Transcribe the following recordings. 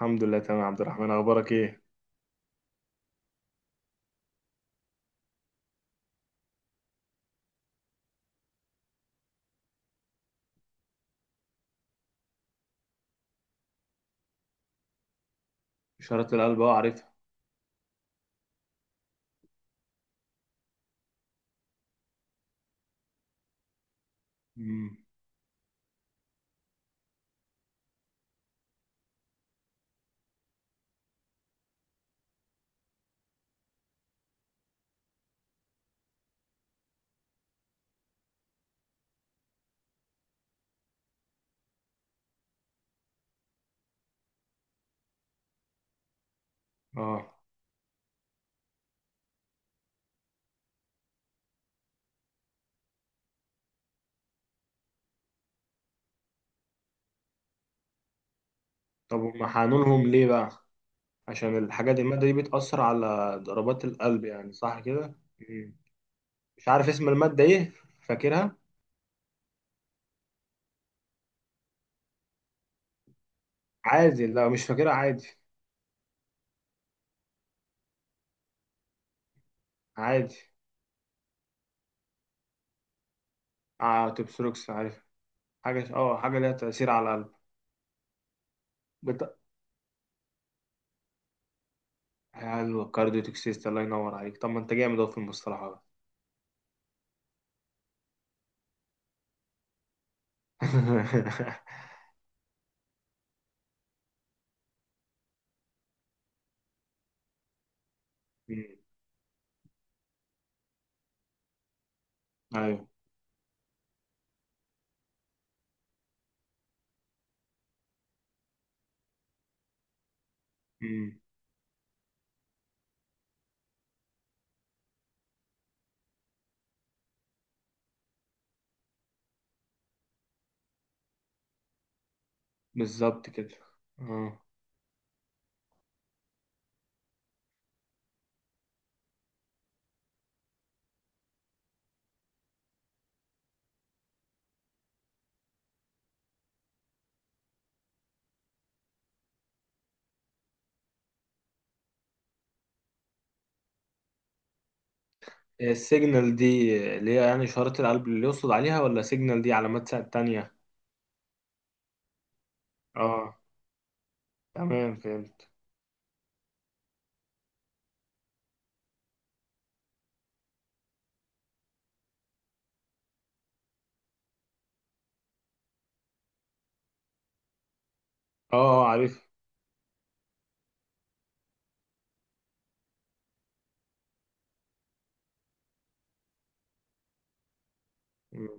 الحمد لله تمام يا عبد الرحمن اخبارك ايه؟ اشارة القلب، اه عارفها. امم، اه. طب هم حقنونهم ليه بقى؟ عشان الحاجات دي، المادة دي بتأثر على ضربات القلب، يعني صح كده؟ مم. مش عارف اسم المادة ايه، فاكرها؟ عادي، لا مش فاكرها، عادي عادي. اه تبستروكس، عارف حاجة، اه حاجة ليها تأثير على القلب. بت... حلو الكارديو توكسيست، الله ينور عليك. طب ما انت جامد اهو في المصطلحات. مم. ايوه. مم. بالظبط كده، اه. السيجنال دي اللي هي يعني إشارة القلب اللي يقصد عليها، ولا سيجنال دي علامات تانية؟ اه تمام فهمت. اه اه عارف. م-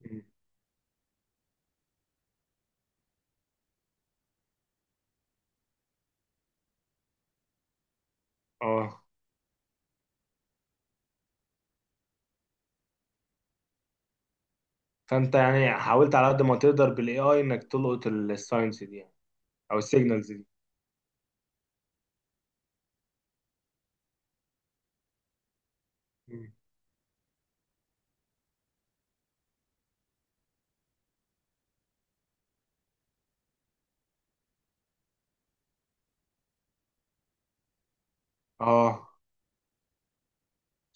م- اه. فانت يعني حاولت على قد ما تقدر بالاي اي انك تلقط الساينس دي يعني، او السيجنالز دي. م. اه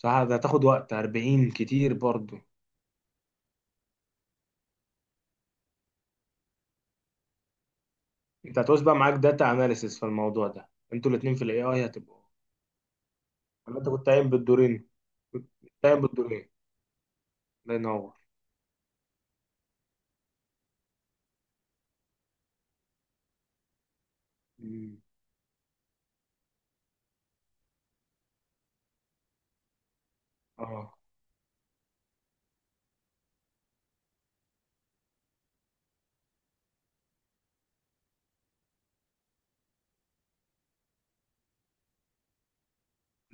صح، ده هتاخد وقت، 40 كتير برضو. انت هتعوز بقى معاك داتا اناليسيس في الموضوع ده، انتوا الاتنين في الاي اي هتبقوا، ولا انت كنت قايم بالدورين؟ كنت قايم بالدورين. الله ينور. م. اه.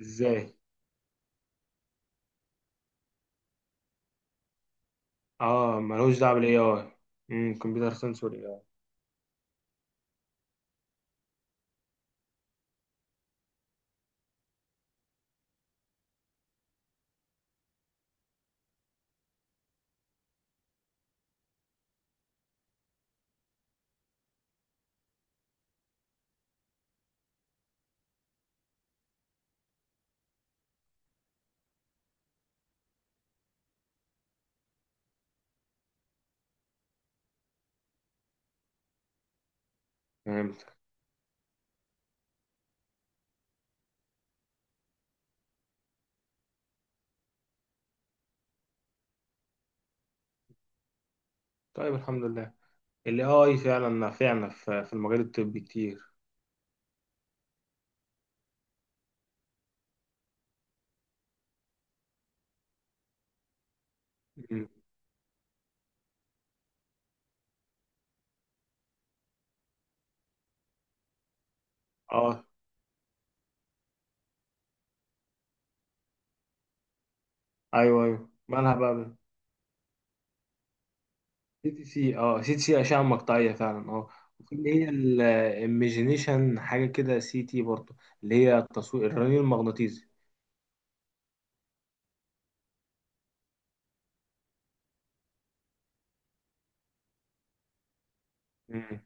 ازاي؟ اه ملوش دعوة بالاي اي. امم، كمبيوتر ساينس والاي اي. فهمت. طيب الحمد لله. الاي اي فعلا نافعنا في في المجال الطبي كتير. مم. اه. ايوه ايوه، مالها بقى؟ سي تي سي، اه سي تي سي اشعة مقطعية فعلا اه. وفي اللي هي الايميجينيشن حاجة كده، سي تي برضه، اللي هي التصوير الرنين المغناطيسي. مم.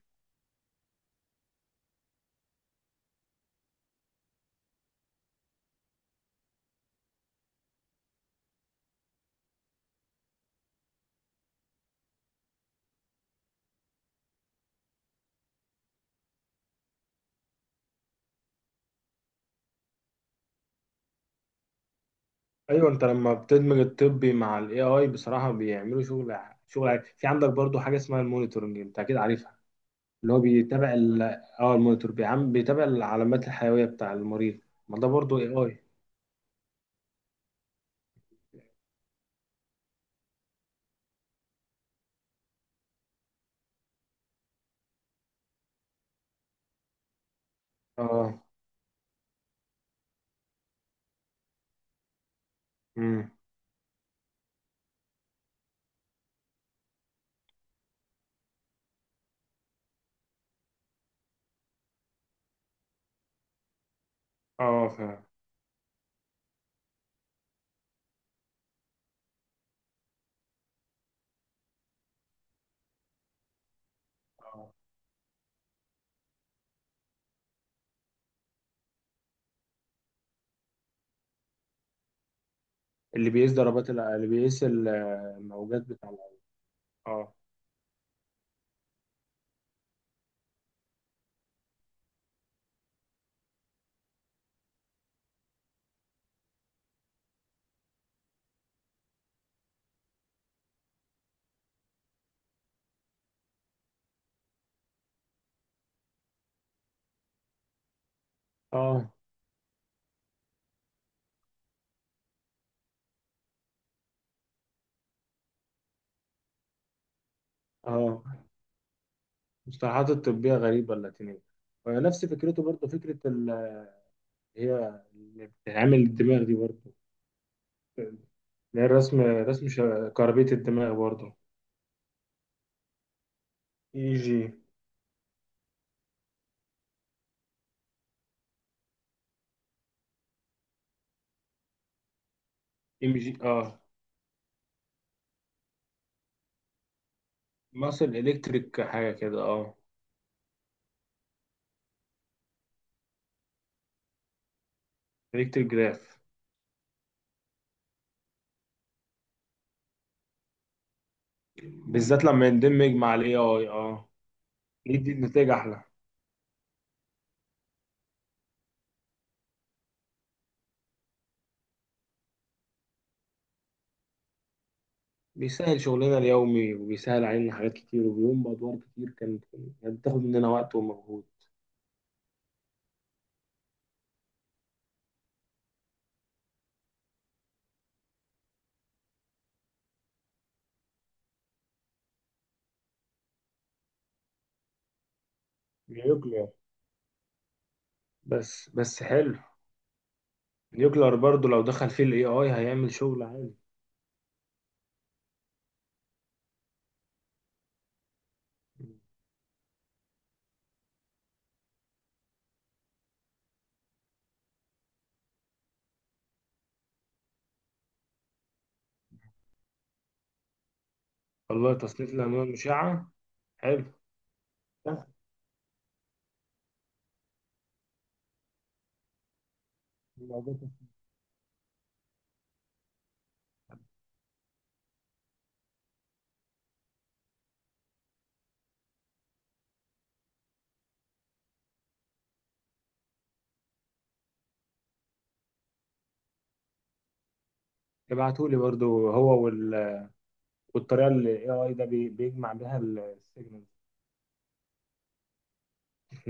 ايوه، انت لما بتدمج الطبي مع الاي اي بصراحة بيعملوا شغل، شغل عالي. في عندك برضه حاجة اسمها المونيتورنج، انت اكيد عارفها. اللي هو بيتابع ال اه المونيتور بيعمل، بيتابع العلامات الحيوية بتاع المريض. ما ده برضه اي اي. اه، امم، اه فعلا. آه. اللي بيقيس ضربات اللي بيقيس الموجات بتاع اه. اه اه. المصطلحات الطبية غريبة، اللاتينية. ونفس فكرته برضه، فكرة هي اللي بتعمل الدماغ دي برضه، اللي هي الرسم رسم كهربية الدماغ برضه. اي جي، ام جي. اه ماسل الكتريك حاجة كده، اه الكتريك جراف. بالذات لما يندمج مع الاي اي اه، يدي نتائج احلى. بيسهل شغلنا اليومي، وبيسهل علينا حاجات كتير، وبيقوم بادوار كتير كانت، كانت بتاخد مننا وقت ومجهود. نيوكلير، بس بس حلو. نيوكلير برضو لو دخل فيه الاي اي هيعمل شغل عالي. والله تصنيف الانواع المشعه، حلو. سهل الموضوع ده. ابعتولي برضو هو والطريقه اللي الاي اي ده بيجمع بيها السيجنالز